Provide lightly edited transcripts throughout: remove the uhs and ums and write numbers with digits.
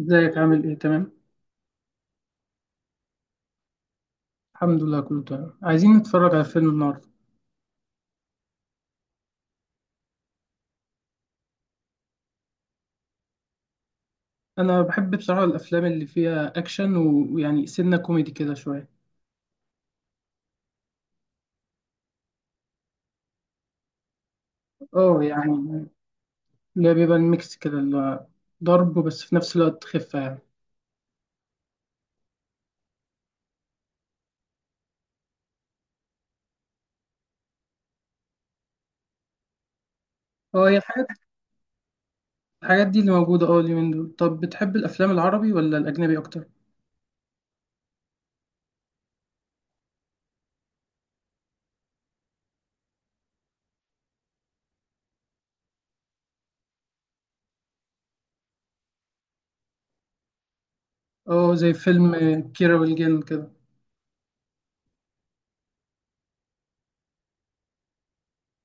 ازيك عامل ايه؟ تمام. الحمد لله، كله تمام. عايزين نتفرج على فيلم النهارده. انا بحب بصراحه الافلام اللي فيها اكشن ويعني سنه كوميدي كده شويه. اه، يعني اللي هي بيبقى الميكس كده، اللي هو ضرب، بس في نفس الوقت خفه، يعني. اه، هي الحاجات. الحاجات دي اللي موجوده، اليومين دول. طب بتحب الافلام العربي ولا الاجنبي اكتر؟ اه، زي فيلم كيرة والجن كده.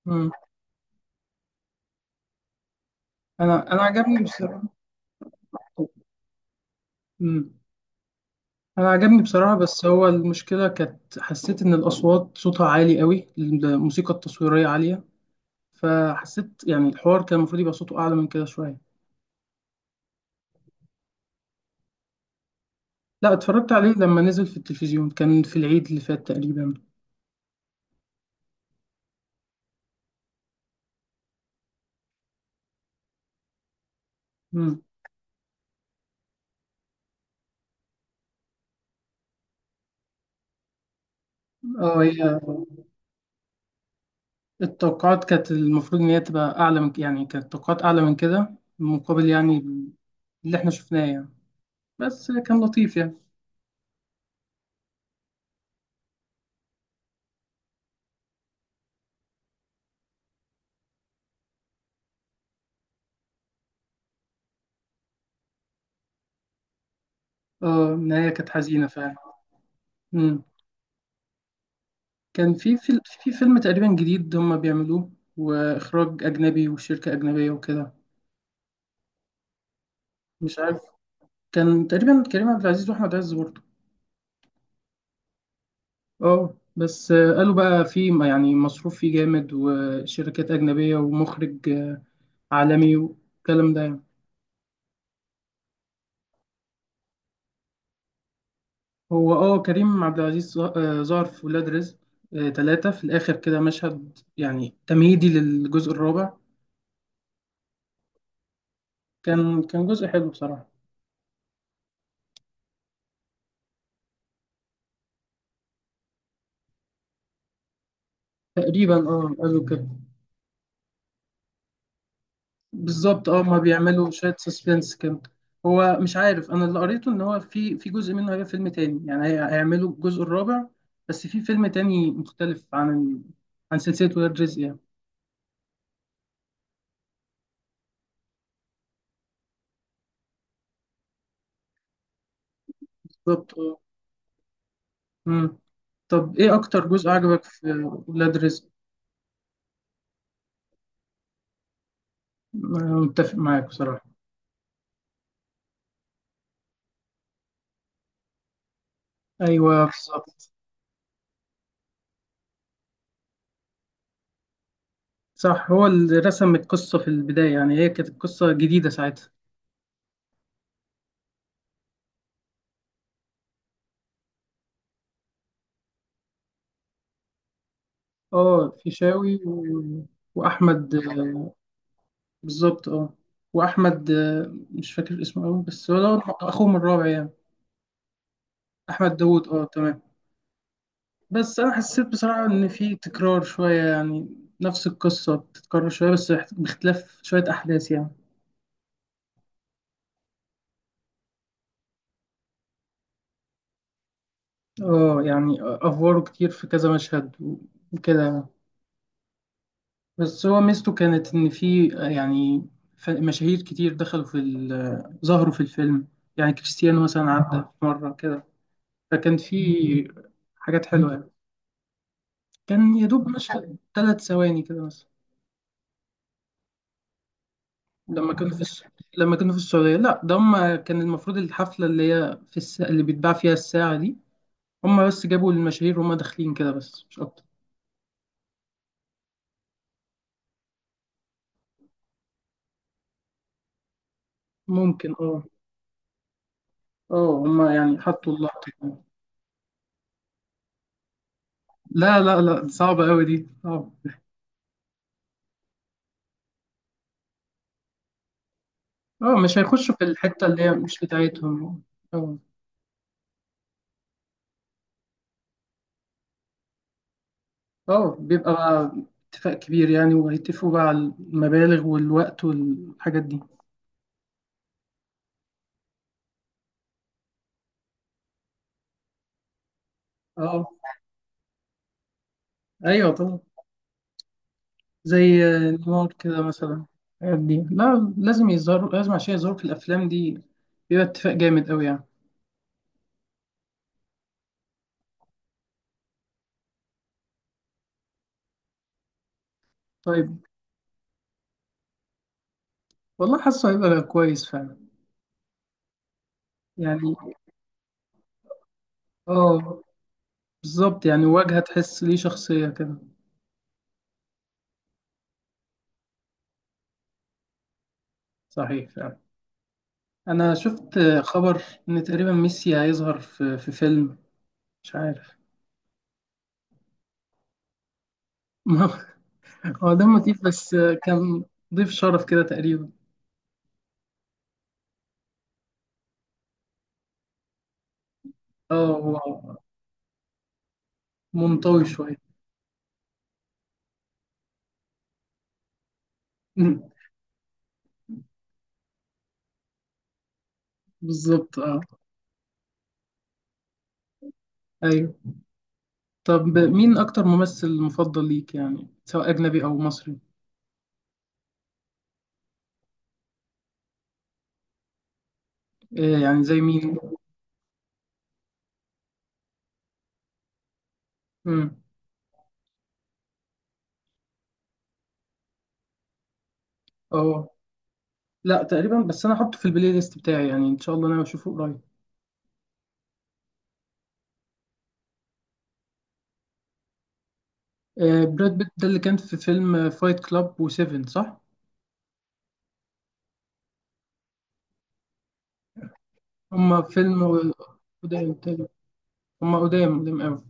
مم. انا عجبني بصراحه. مم. انا عجبني بصراحه، بس هو المشكله كانت، حسيت ان الاصوات صوتها عالي قوي، الموسيقى التصويريه عاليه. فحسيت يعني الحوار كان المفروض يبقى صوته اعلى من كده شويه. لا، اتفرجت عليه لما نزل في التلفزيون، كان في العيد اللي فات تقريبا. مم. اه، هي التوقعات كانت المفروض ان هي تبقى اعلى من، يعني كانت التوقعات اعلى من كده، مقابل يعني اللي احنا شفناه يعني. بس كان لطيف يعني. اه، النهايه كانت حزينه فعلا. مم. كان في في فيلم تقريبا جديد هم بيعملوه، واخراج اجنبي وشركه اجنبيه وكده. مش عارف. كان تقريبا كريم عبد العزيز واحمد عز برضه. اه، بس قالوا بقى في يعني مصروف فيه جامد وشركات اجنبيه ومخرج عالمي، والكلام ده يعني. هو، اه، كريم عبد العزيز ظهر في ولاد رزق تلاتة في الآخر كده، مشهد يعني تمهيدي للجزء الرابع. كان جزء حلو بصراحة. تقريبا، اه، قالوا كده. بالظبط، اه، هما بيعملوا شوية سسبنس كده. هو مش عارف، انا اللي قريته ان هو في جزء منه هيبقى فيلم تاني، يعني هيعملوا الجزء الرابع. بس في فيلم تاني مختلف عن سلسلة ولاد رزق يعني. بالظبط، اه. مم. طب ايه اكتر جزء عجبك في ولاد رزق؟ أنا متفق معاك بصراحة. ايوه، بالظبط. صح، هو اللي رسم القصة في البداية، يعني هي كانت قصة جديدة ساعتها. اه، فيشاوي واحمد. بالظبط، اه. واحمد، مش فاكر اسمه قوي، بس هو دوت اخوه من الرابع يعني. احمد داوود، اه، تمام. بس انا حسيت بصراحه ان في تكرار شويه يعني، نفس القصه بتتكرر شويه بس باختلاف شويه احداث يعني. اه يعني افواره كتير في كذا مشهد وكده يعني. بس هو ميزته كانت ان في، يعني مشاهير كتير دخلوا في ال- آه، ظهروا في الفيلم. يعني كريستيانو مثلا عدى في مره كده، فكان في حاجات حلوه يعني. كان يا دوب مشهد 3 ثواني كده مثلا. لما كانوا في الس... لما كانوا في السعودية. لا، ده هم كان المفروض الحفلة اللي هي اللي بيتباع فيها الساعة دي. هم بس جابوا المشاهير وهم داخلين كده، بس مش أكتر. ممكن، اه. اه، هم يعني حطوا اللقطة. لا، لا، لا، صعبة أوي دي، اه. اه، مش هيخشوا في الحتة اللي هي مش بتاعتهم. اه. اه، بيبقى بقى اتفاق كبير يعني، وهيتفقوا بقى على المبالغ والوقت والحاجات دي. اه، ايوه طبعا. زي نيويورك كده مثلا. الحاجات دي لا، لازم يظهر، لازم عشان يظهروا في الافلام دي بيبقى اتفاق جامد قوي يعني. طيب. والله حاسه هيبقى كويس فعلا. يعني، اه، بالظبط، يعني وجهة تحس ليه شخصية كده. صحيح فعلا. انا شفت خبر ان تقريبا ميسي هيظهر في فيلم. مش عارف. هو ده موتيف بس. كان ضيف شرف كده تقريبا. اه، هو منطوي شوية. بالظبط، اه. ايوه. طب مين أكتر ممثل مفضل ليك يعني، سواء أجنبي أو مصري؟ إيه يعني، زي مين؟ مم. أه، لا تقريبا، بس أنا أحطه في البلاي ليست بتاعي، يعني إن شاء الله أنا أشوفه قريب. براد بيت ده اللي كان في فيلم فايت كلاب وسيفن، صح؟ هما فيلم قدام تقريبا. هما قدام قدام أوي.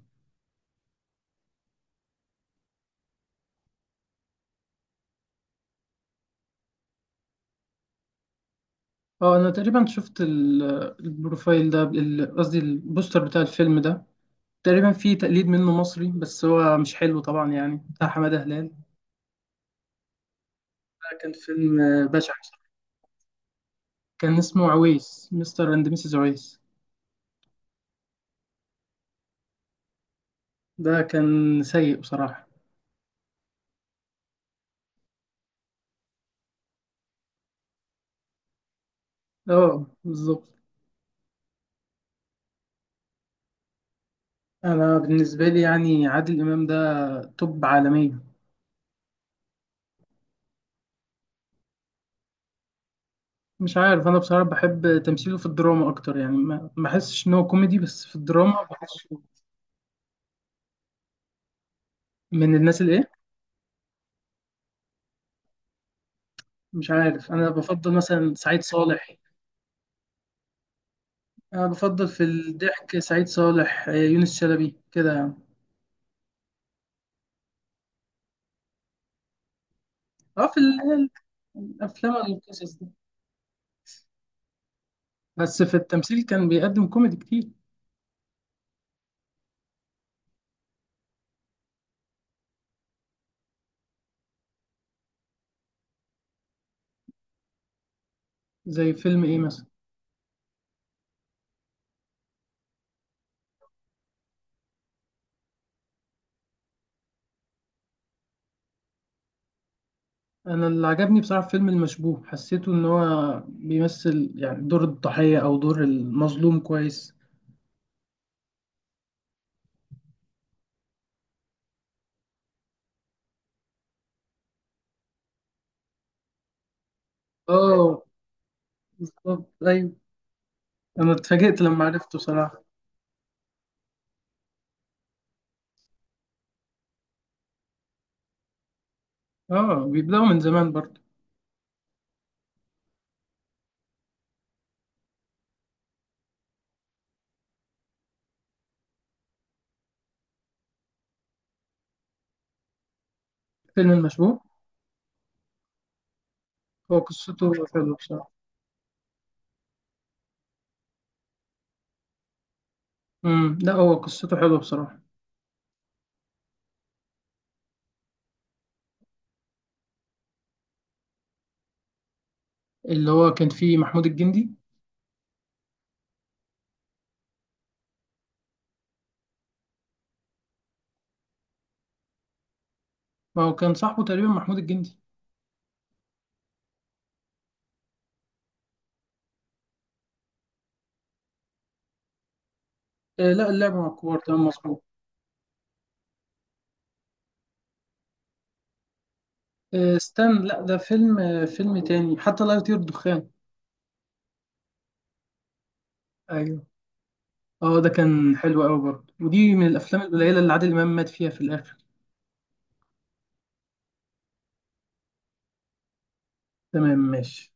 أه، أنا تقريبا شفت البروفايل ده، قصدي البوستر بتاع الفيلم ده. تقريبا فيه تقليد منه مصري، بس هو مش حلو طبعا يعني، بتاع حمادة هلال. ده كان فيلم بشع. كان اسمه عويس، مستر اند ميسيس عويس. ده كان سيء بصراحة. اه، بالظبط. انا بالنسبة لي يعني، عادل امام ده توب عالمية. مش عارف، انا بصراحة بحب تمثيله في الدراما اكتر يعني، ما بحسش ان هو كوميدي، بس في الدراما بحسه من الناس اللي ايه. مش عارف، انا بفضل مثلا سعيد صالح. انا بفضل في الضحك سعيد صالح، يونس شلبي كده يعني. اه، في الافلام والقصص دي، بس في التمثيل كان بيقدم كوميدي كتير. زي فيلم ايه مثلا؟ انا اللي عجبني بصراحه في فيلم المشبوه، حسيته ان هو بيمثل يعني دور الضحيه او دور المظلوم كويس. اه، بالظبط، ايوه. انا اتفاجئت لما عرفته صراحه. اه، بيبداوا من زمان برضه. فيلم المشبوه هو قصته حلوه بصراحه. لا، هو قصته حلوه بصراحه. اللي هو كان فيه محمود الجندي. ما هو كان صاحبه تقريبا محمود الجندي. آه، لا، اللعبه مع الكبار، تمام مظبوط. آه، استنى، لا ده فيلم تاني، حتى لا يطير الدخان. ايوه. اه، ده كان حلو قوي برضه، ودي من الافلام القليله اللي عادل امام مات فيها في الاخر. تمام، ماشي.